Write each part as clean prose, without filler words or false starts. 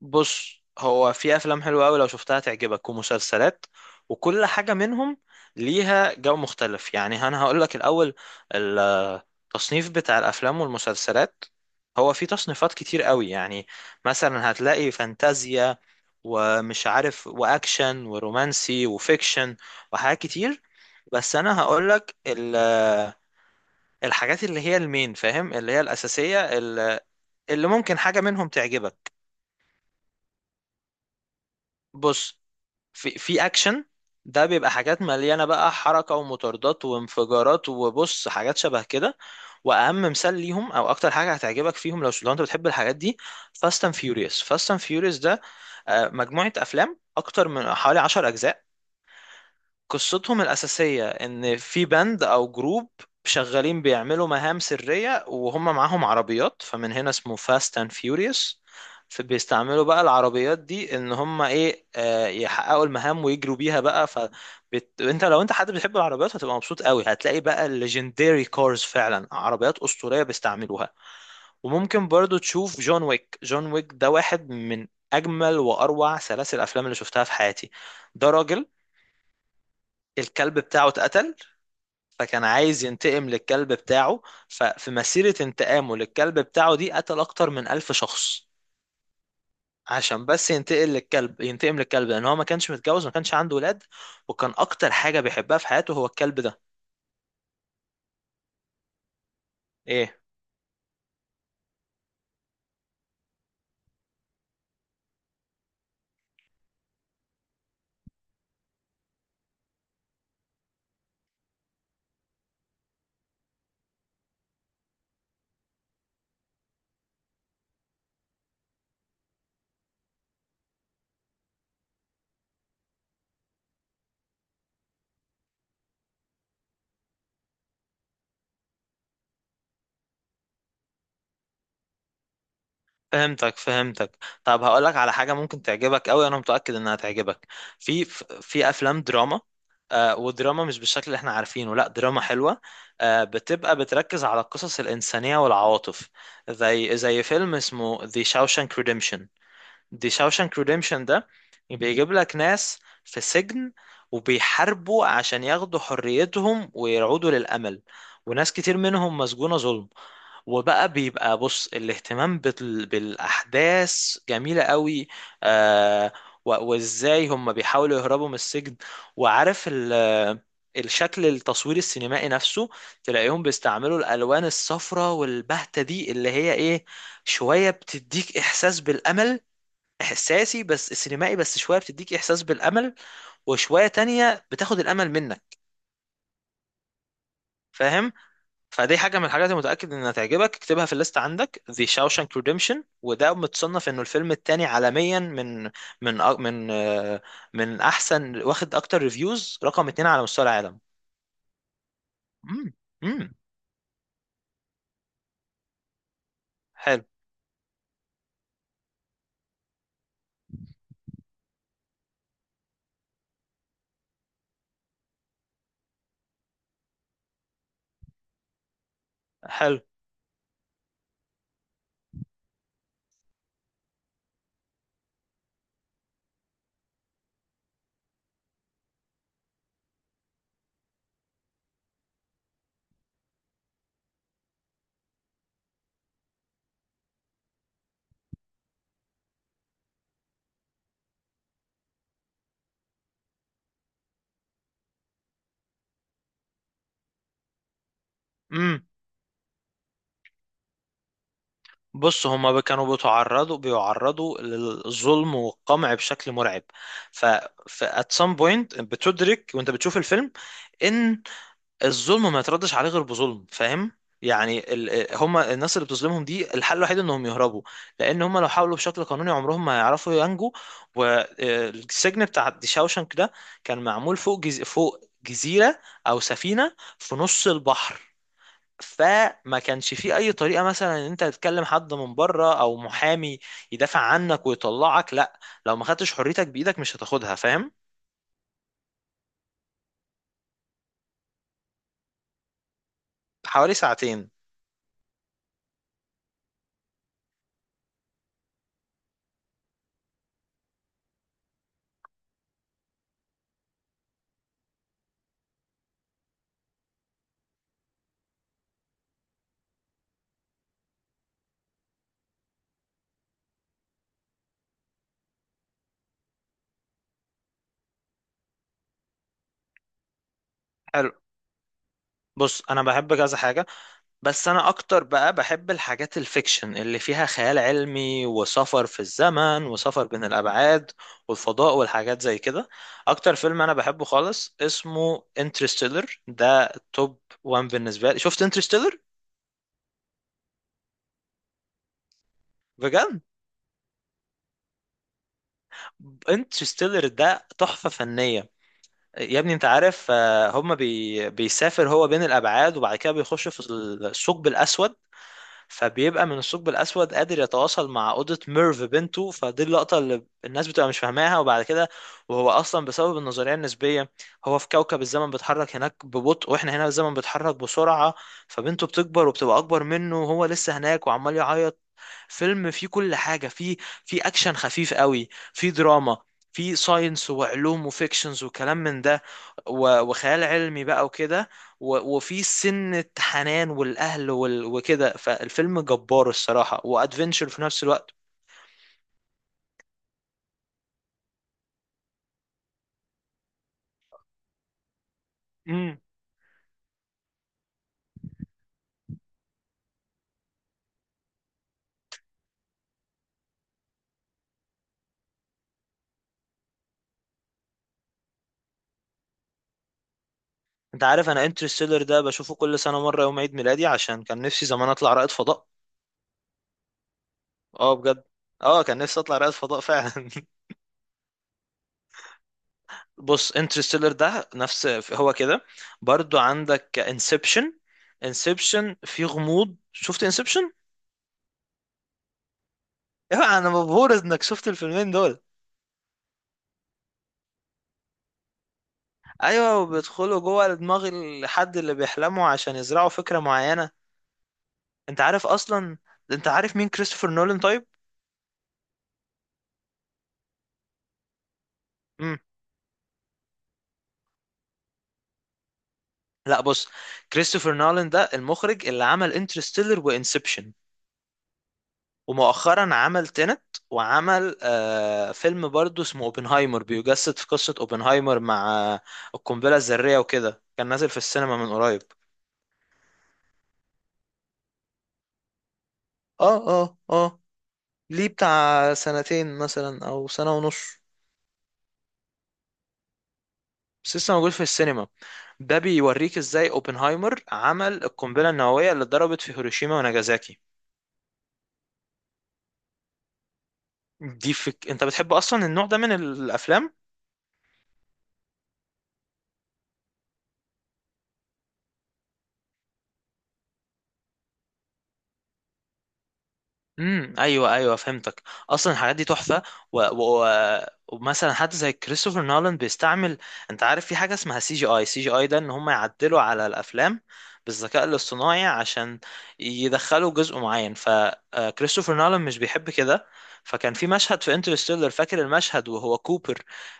بص، هو في افلام حلوه قوي لو شفتها تعجبك ومسلسلات، وكل حاجه منهم ليها جو مختلف. يعني انا هقول لك الاول التصنيف بتاع الافلام والمسلسلات. هو في تصنيفات كتير قوي، يعني مثلا هتلاقي فانتازيا ومش عارف واكشن ورومانسي وفيكشن وحاجات كتير. بس انا هقول لك الحاجات اللي هي المين، فاهم، اللي هي الاساسيه اللي ممكن حاجه منهم تعجبك. بص، في اكشن، ده بيبقى حاجات مليانه بقى حركه ومطاردات وانفجارات وبص حاجات شبه كده. واهم مثال ليهم او اكتر حاجه هتعجبك فيهم لو انت بتحب الحاجات دي: فاست اند فيوريوس. ده مجموعه افلام اكتر من حوالي 10 اجزاء. قصتهم الأساسية إن في بند أو جروب شغالين بيعملوا مهام سرية وهم معاهم عربيات، فمن هنا اسمه فاست اند فيوريوس. فبيستعملوا بقى العربيات دي ان هم ايه، يحققوا المهام ويجروا بيها بقى. فانت لو انت حد بتحب العربيات هتبقى مبسوط قوي، هتلاقي بقى الليجندري كارز، فعلا عربيات أسطورية بيستعملوها. وممكن برضو تشوف جون ويك ده واحد من اجمل واروع سلاسل الافلام اللي شفتها في حياتي. ده راجل الكلب بتاعه اتقتل، فكان عايز ينتقم للكلب بتاعه. ففي مسيرة انتقامه للكلب بتاعه دي قتل أكتر من 1000 شخص، عشان بس ينتقل للكلب، ينتقم للكلب، لأن هو ما كانش متجوز، ما كانش عنده ولاد، وكان أكتر حاجة بيحبها في حياته هو الكلب ده. إيه، فهمتك. طب هقولك على حاجة ممكن تعجبك أوي، أنا متأكد إنها تعجبك. في في أفلام دراما، آه ودراما مش بالشكل اللي احنا عارفينه، لا دراما حلوة. آه، بتبقى بتركز على القصص الإنسانية والعواطف. زي فيلم اسمه The Shawshank Redemption. دي شاوشانك ريديمشن ده بيجيب لك ناس في سجن، وبيحاربوا عشان ياخدوا حريتهم ويعودوا للأمل. وناس كتير منهم مسجونة ظلم. وبقى بيبقى، بص، الاهتمام بالأحداث جميلة قوي. آه، وازاي هم بيحاولوا يهربوا من السجن. وعارف الشكل، التصوير السينمائي نفسه، تلاقيهم بيستعملوا الألوان الصفراء والبهتة دي اللي هي ايه، شوية بتديك إحساس بالأمل. احساسي بس سينمائي، بس شويه بتديك احساس بالامل، وشويه تانية بتاخد الامل منك، فاهم. فدي حاجه من الحاجات اللي متاكد انها تعجبك، اكتبها في الليست عندك: The Shawshank Redemption. وده متصنف انه الفيلم التاني عالميا من من أ- من آه، من احسن، واخد اكتر ريفيوز، رقم 2 على مستوى العالم. امم امم حلو حلو. امم بص، هما كانوا بيعرضوا للظلم والقمع بشكل مرعب. ف ف at some point بتدرك وانت بتشوف الفيلم ان الظلم ما يتردش عليه غير بظلم، فاهم. يعني هما الناس اللي بتظلمهم دي الحل الوحيد انهم يهربوا، لان هما لو حاولوا بشكل قانوني عمرهم ما هيعرفوا ينجوا. والسجن بتاع دي شاوشنك ده كان معمول فوق جزيرة او سفينة في نص البحر. فما كانش فيه اي طريقه مثلا ان انت تتكلم حد من بره او محامي يدافع عنك ويطلعك، لا. لو ما خدتش حريتك بايدك مش هتاخدها، فاهم. حوالي ساعتين. حلو. بص انا بحب كذا حاجه، بس انا اكتر بقى بحب الحاجات الفيكشن اللي فيها خيال علمي وسفر في الزمن وسفر بين الابعاد والفضاء والحاجات زي كده. اكتر فيلم انا بحبه خالص اسمه انترستيلر. ده توب وان بالنسبه لي. شفت انترستيلر؟ بجد انترستيلر ده تحفة فنية. يا ابني، انت عارف، هما بيسافر هو بين الابعاد، وبعد كده بيخش في الثقب الاسود. فبيبقى من الثقب الاسود قادر يتواصل مع اوضة ميرف بنته. فدي اللقطة اللي الناس بتبقى مش فاهماها. وبعد كده، وهو اصلا بسبب النظرية النسبية، هو في كوكب الزمن بيتحرك هناك ببطء، واحنا هنا الزمن بيتحرك بسرعة. فبنته بتكبر وبتبقى اكبر منه وهو لسه هناك وعمال يعيط. فيلم فيه كل حاجة. فيه فيه أكشن خفيف قوي، فيه دراما، فيه ساينس وعلوم وفيكشنز وكلام من ده، وخيال علمي بقى وكده، وفيه سنة حنان والأهل وكده. فالفيلم جبار الصراحة، وأدفنشر في نفس الوقت. امم انت عارف، انا انترستيلر ده بشوفه كل سنة مرة يوم عيد ميلادي عشان كان نفسي زمان اطلع رائد فضاء. اه بجد، اه كان نفسي اطلع رائد فضاء فعلا بص انترستيلر ده نفس هو كده. برضو عندك انسبشن. انسبشن فيه غموض. شفت انسبشن؟ ايوه، انا مبهور انك شفت الفيلمين دول. ايوه، وبيدخلوا جوه دماغ الحد اللي بيحلموا عشان يزرعوا فكرة معينة. انت عارف اصلا، انت عارف مين كريستوفر نولان، طيب؟ امم لا بص، كريستوفر نولان ده المخرج اللي عمل انترستيلر وانسبشن. ومؤخرا عمل تينت، وعمل آه فيلم برضو اسمه اوبنهايمر، بيجسد في قصة اوبنهايمر مع القنبلة الذرية وكده، كان نازل في السينما من قريب. اه اه اه. ليه، بتاع سنتين مثلا او سنة ونص، بس لسه موجود في السينما. ده بيوريك ازاي اوبنهايمر عمل القنبلة النووية اللي اتضربت في هيروشيما وناجازاكي. انت بتحب اصلا النوع ده من الافلام؟ ايوه ايوه فهمتك. اصلا الحاجات دي تحفه. و... و... و- ومثلا حد زي كريستوفر نولان بيستعمل، انت عارف في حاجه اسمها سي جي اي. ده ان هم يعدلوا على الافلام بالذكاء الاصطناعي عشان يدخلوا جزء معين. فكريستوفر نولان مش بيحب كده. فكان في مشهد في انترستيلر، فاكر المشهد وهو كوبر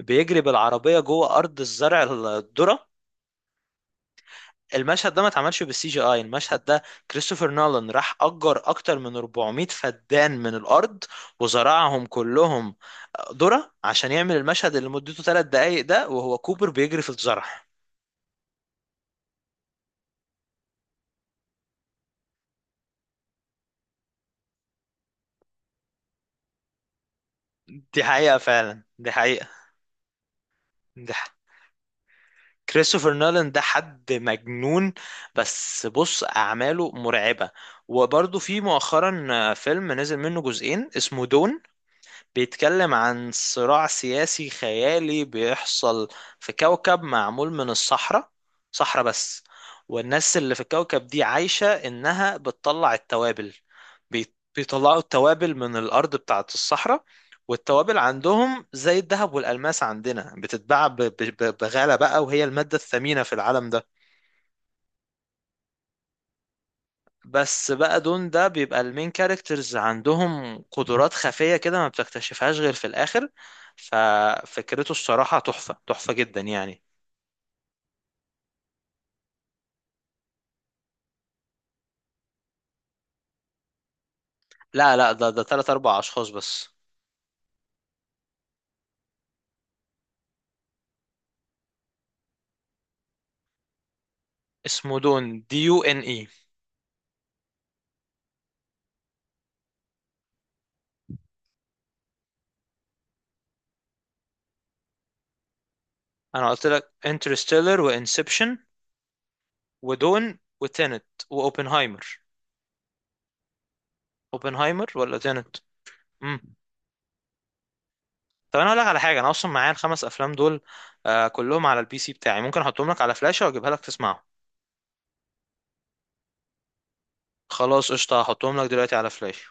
بيجري بالعربيه جوه ارض الزرع الذره؟ المشهد ده ما اتعملش بالسي جي اي. المشهد ده كريستوفر نولان راح اجر اكتر من 400 فدان من الارض وزرعهم كلهم ذرة عشان يعمل المشهد اللي مدته 3 دقايق ده وهو كوبر بيجري في الزرع. دي حقيقة فعلا، دي حقيقة. دي حقيقة. كريستوفر نولان ده حد مجنون، بس بص أعماله مرعبة. وبرضه في مؤخرا فيلم نزل منه جزئين اسمه دون. بيتكلم عن صراع سياسي خيالي بيحصل في كوكب معمول من الصحراء، صحراء بس. والناس اللي في الكوكب دي عايشة إنها بتطلع التوابل. بيطلعوا التوابل من الأرض بتاعة الصحراء. والتوابل عندهم زي الذهب والألماس عندنا، بتتباع بغالة بقى، وهي المادة الثمينة في العالم ده. بس بقى دون ده بيبقى المين كاركترز عندهم قدرات خفية كده ما بتكتشفهاش غير في الآخر. ففكرته الصراحة تحفة تحفة جدا يعني. لا لا، ده تلات أربع أشخاص بس. اسمه دون، دي يو إن إي. أنا قلت لك انترستيلر وإنسبشن ودون وتينت وأوبنهايمر. أوبنهايمر ولا تينت؟ مم. طب أنا هقول لك على حاجة. أنا أصلا معايا الخمس أفلام دول، آه كلهم على البي سي بتاعي. ممكن أحطهم لك على فلاشة وأجيبها لك تسمعهم. خلاص قشطة، هحطهم لك دلوقتي على فلاشة.